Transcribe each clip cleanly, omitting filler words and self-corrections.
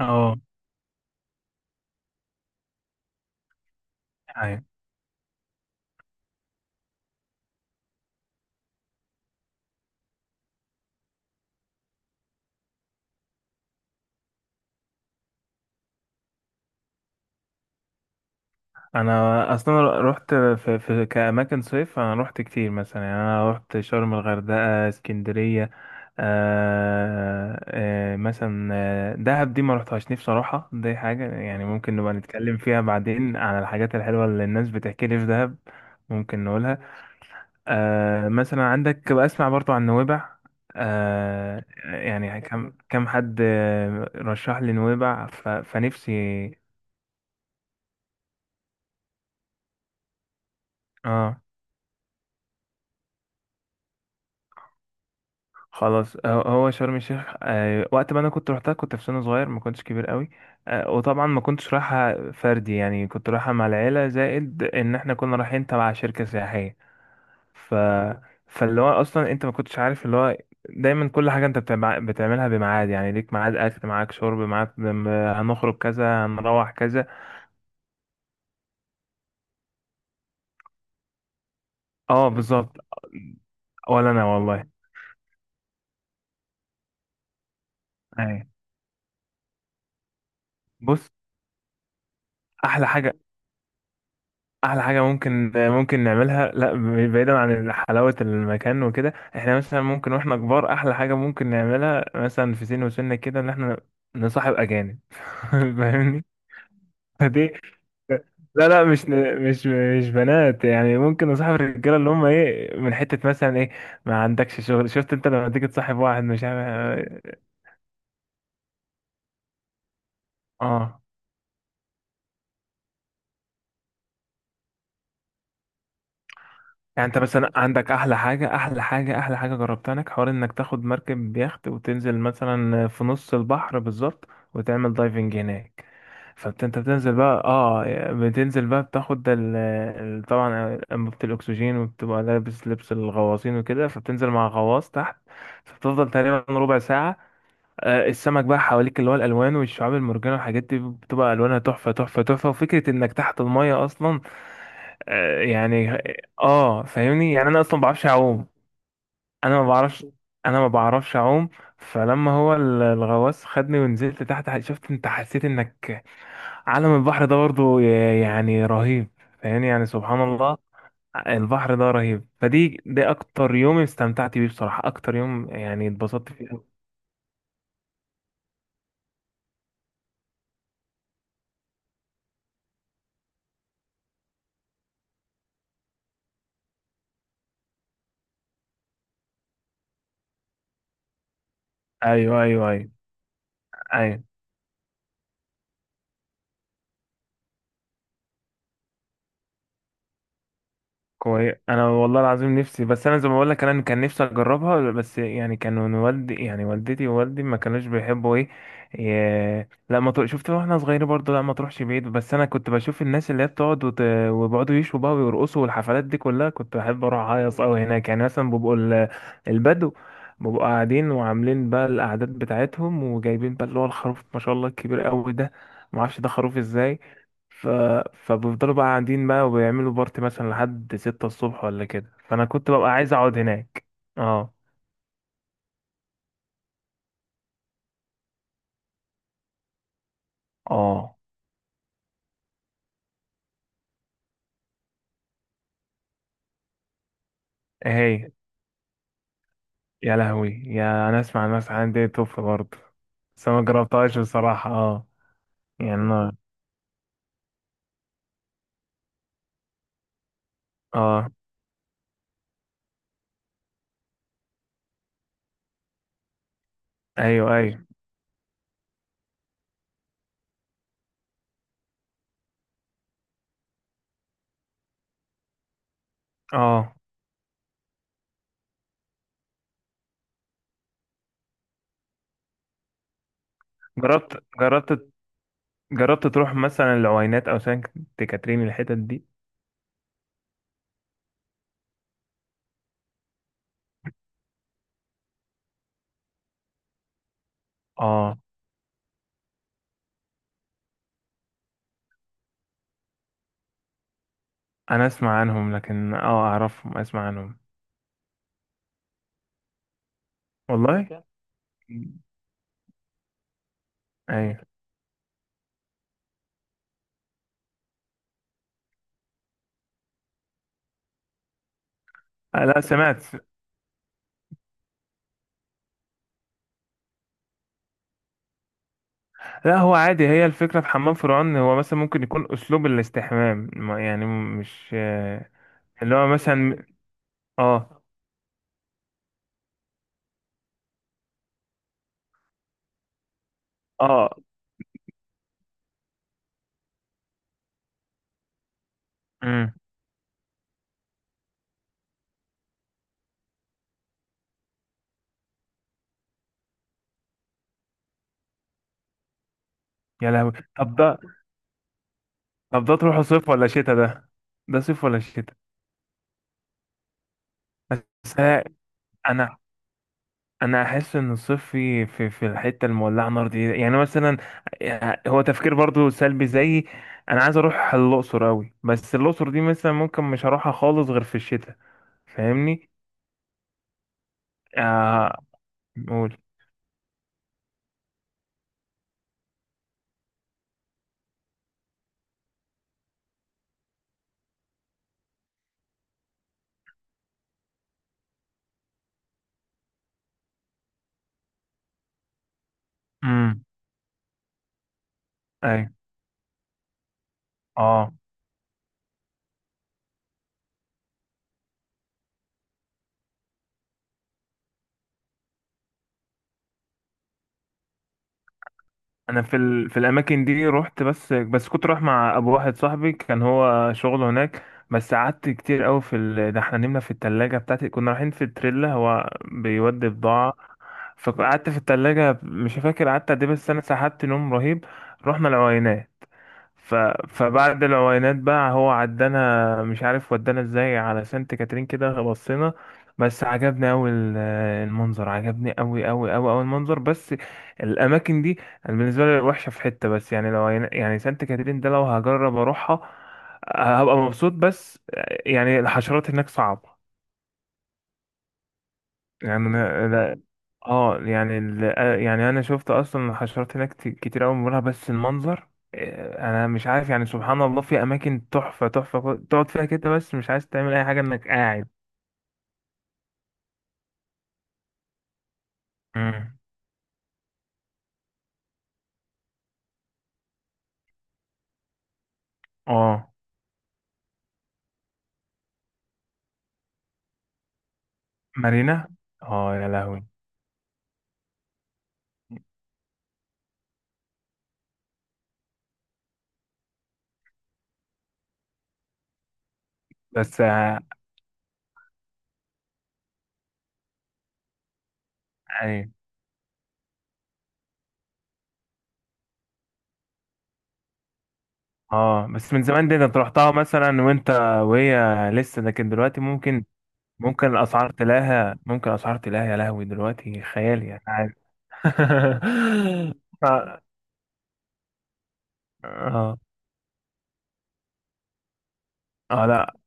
اه ايوه انا اصلا رحت في كاماكن صيف. انا رحت كتير مثلا، يعني انا رحت شرم، الغردقه، اسكندريه. مثلا دهب دي ما رحتهاش، نفسي بصراحه. دي حاجه يعني ممكن نبقى نتكلم فيها بعدين، عن الحاجات الحلوه اللي الناس بتحكي لي في دهب. ممكن نقولها. مثلا عندك بقى، اسمع برضو عن نويبع. يعني كم حد رشح لي نويبع فنفسي. اه خلاص. هو شرم الشيخ وقت ما انا كنت روحتها كنت في سن صغير، ما كنتش كبير قوي. وطبعا ما كنتش رايحه فردي، يعني كنت رايحه مع العيله، زائد ان احنا كنا رايحين تبع شركه سياحيه. ف فاللي هو اصلا انت ما كنتش عارف اللي هو دايما كل حاجه انت بتعملها بميعاد، يعني ليك ميعاد، اكل معاك، شرب معاك، هنخرج كذا، هنروح كذا. اه بالظبط. ولا انا والله. أيوة. بص، احلى حاجه، احلى حاجه ممكن نعملها، لا، بعيدا عن حلاوه المكان وكده، احنا مثلا ممكن واحنا كبار احلى حاجه ممكن نعملها مثلا في سن وسنة كده، ان احنا نصاحب اجانب. فاهمني؟ فدي، لا مش، مش بنات، يعني ممكن نصاحب الرجاله اللي هم ايه من حته مثلا ايه. ما عندكش شغل. شفت انت لما تيجي تصاحب واحد مش عارف. اه. يعني انت مثلا عندك احلى حاجه، احلى حاجه جربتها، انك حوار، انك تاخد مركب بيخت وتنزل مثلا في نص البحر بالظبط، وتعمل دايفنج هناك. فانت بتنزل بقى، اه، بتنزل بقى بتاخد طبعا انبوبه الاكسجين، وبتبقى لابس لبس الغواصين وكده، فبتنزل مع غواص تحت. فبتفضل تقريبا ربع ساعه. السمك بقى حواليك، اللي هو الالوان والشعاب المرجانيه والحاجات دي بتبقى الوانها تحفه، وفكره انك تحت الميه اصلا. آه، يعني اه فاهمني، يعني انا اصلا ما بعرفش اعوم. انا ما بعرفش، انا ما بعرفش اعوم. فلما هو الغواص خدني ونزلت تحت، شفت انت، حسيت انك عالم البحر ده برضو يعني رهيب. فاهمني، يعني سبحان الله. البحر ده رهيب. فدي، ده اكتر يوم استمتعت بيه بصراحة، اكتر يوم يعني اتبسطت فيه. ايوه ايوه ايوه ايوه كويس. انا والله العظيم نفسي، بس انا زي ما بقول لك، انا كان نفسي اجربها، بس يعني كانوا والدي، يعني والدتي ووالدي ما كانوش بيحبوا ايه، لا ما تروح- شفت، واحنا صغيرين برضه، لا ما تروحش بعيد. بس انا كنت بشوف الناس اللي هي بتقعد وبيقعدوا يشوا بقى ويرقصوا، والحفلات دي كلها كنت بحب اروح اهيص قوي هناك. يعني مثلا بيبقوا البدو بيبقوا قاعدين وعاملين بقى القعدات بتاعتهم، وجايبين بقى اللي هو الخروف ما شاء الله الكبير قوي ده، ما اعرفش ده خروف ازاي. ف... فبيفضلوا بقى قاعدين بقى وبيعملوا بارتي مثلا لحد ستة الصبح ولا كده، فأنا كنت ببقى عايز أقعد هناك. اه. اه. هي. يا لهوي، يا، أنا أسمع الناس عندي. توف برضه. بس أنا مجربتهاش بصراحة. اه يعني أنا اه. أيوه أيوه. اه. جربت، جربت، جربت تروح مثلا العوينات أو سانت كاترين، الحتت دي؟ اه. أنا أسمع عنهم لكن، اه، أعرفهم، أسمع عنهم. والله. أيوه. لا سمعت. لا هو عادي، هي الفكرة في حمام فرعون، هو مثلا ممكن يكون أسلوب الاستحمام يعني مش اللي هو مثلا. اه. اه. امم يا لهوي. طب ده، طب ده تروحوا صيف ولا شتاء؟ ده ده صيف ولا شتاء؟ بس أنا، أنا، أنا أحس إن الصيف في الحتة المولعة نار دي، يعني مثلا، يعني هو تفكير برضو سلبي زيي. أنا عايز أروح الأقصر أوي، بس الأقصر دي مثلا ممكن مش هروحها خالص غير في الشتاء. فاهمني؟ آه. قول. امم اه انا في في الاماكن دي رحت، بس كنت رايح مع ابو واحد صاحبي، كان هو شغله هناك. بس قعدت كتير قوي في ده احنا نمنا في التلاجة بتاعتي، كنا رايحين في التريلا، هو بيودي بضاعة. فقعدت في التلاجة، مش فاكر قعدت قد ايه، بس انا سحبت نوم رهيب. رحنا العوينات. ف... فبعد العوينات بقى هو عدانا، مش عارف ودانا ازاي، على سانت كاترين كده بصينا. بس عجبني اوي المنظر. عجبني اوي المنظر. بس الاماكن دي أنا بالنسبه لي وحشه في حته. بس يعني لو يعني سانت كاترين ده لو هجرب اروحها هبقى مبسوط. بس يعني الحشرات هناك صعبه. يعني اه. يعني ال... آه، يعني انا شفت اصلا الحشرات هناك كتير قوي مرة، بس المنظر انا مش عارف. يعني سبحان الله، في اماكن تحفة تقعد فيها كده، بس مش عايز تعمل اي حاجة، انك قاعد. امم. اه. مارينا. اه يا لهوي. بس اي. اه، بس من زمان دي انت رحتها مثلا، وانت وهي لسه. لكن دلوقتي ممكن، ممكن الاسعار تلاقيها، ممكن الاسعار تلاقيها يا لهوي دلوقتي خيالي يعني. اه. اه. لا.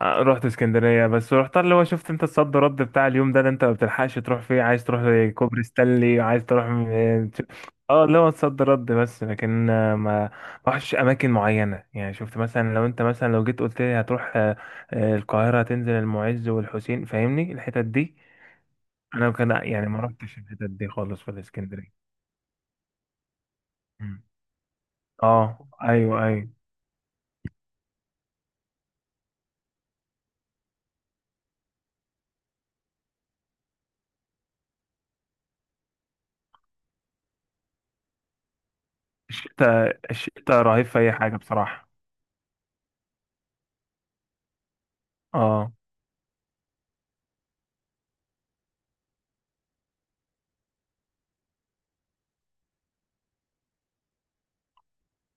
رحت اسكندرية، بس رحت اللي هو، شفت انت الصد رد بتاع اليوم ده، اللي انت ما بتلحقش تروح فيه، عايز تروح كوبري ستانلي، عايز تروح اه اللي هو الصد رد. بس لكن ما رحتش اماكن معينة، يعني شفت مثلا، لو انت مثلا لو جيت قلت لي هتروح القاهرة، تنزل المعز والحسين، فاهمني الحتت دي. انا كان يعني ما رحتش الحتت دي خالص في الاسكندرية. مم. اه. ايوه الشتاء رهيب في اي حاجة بصراحة. اه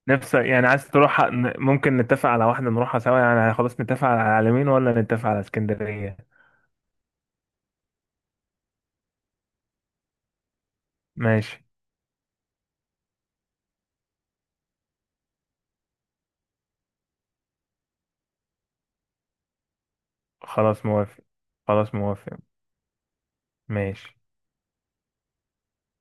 نفسك يعني عايز تروح. ممكن نتفق على واحدة نروحها سوا، يعني خلاص نتفق على العلمين، ولا نتفق على اسكندرية؟ ماشي. خلاص موافق. خلاص موافق. ماشي.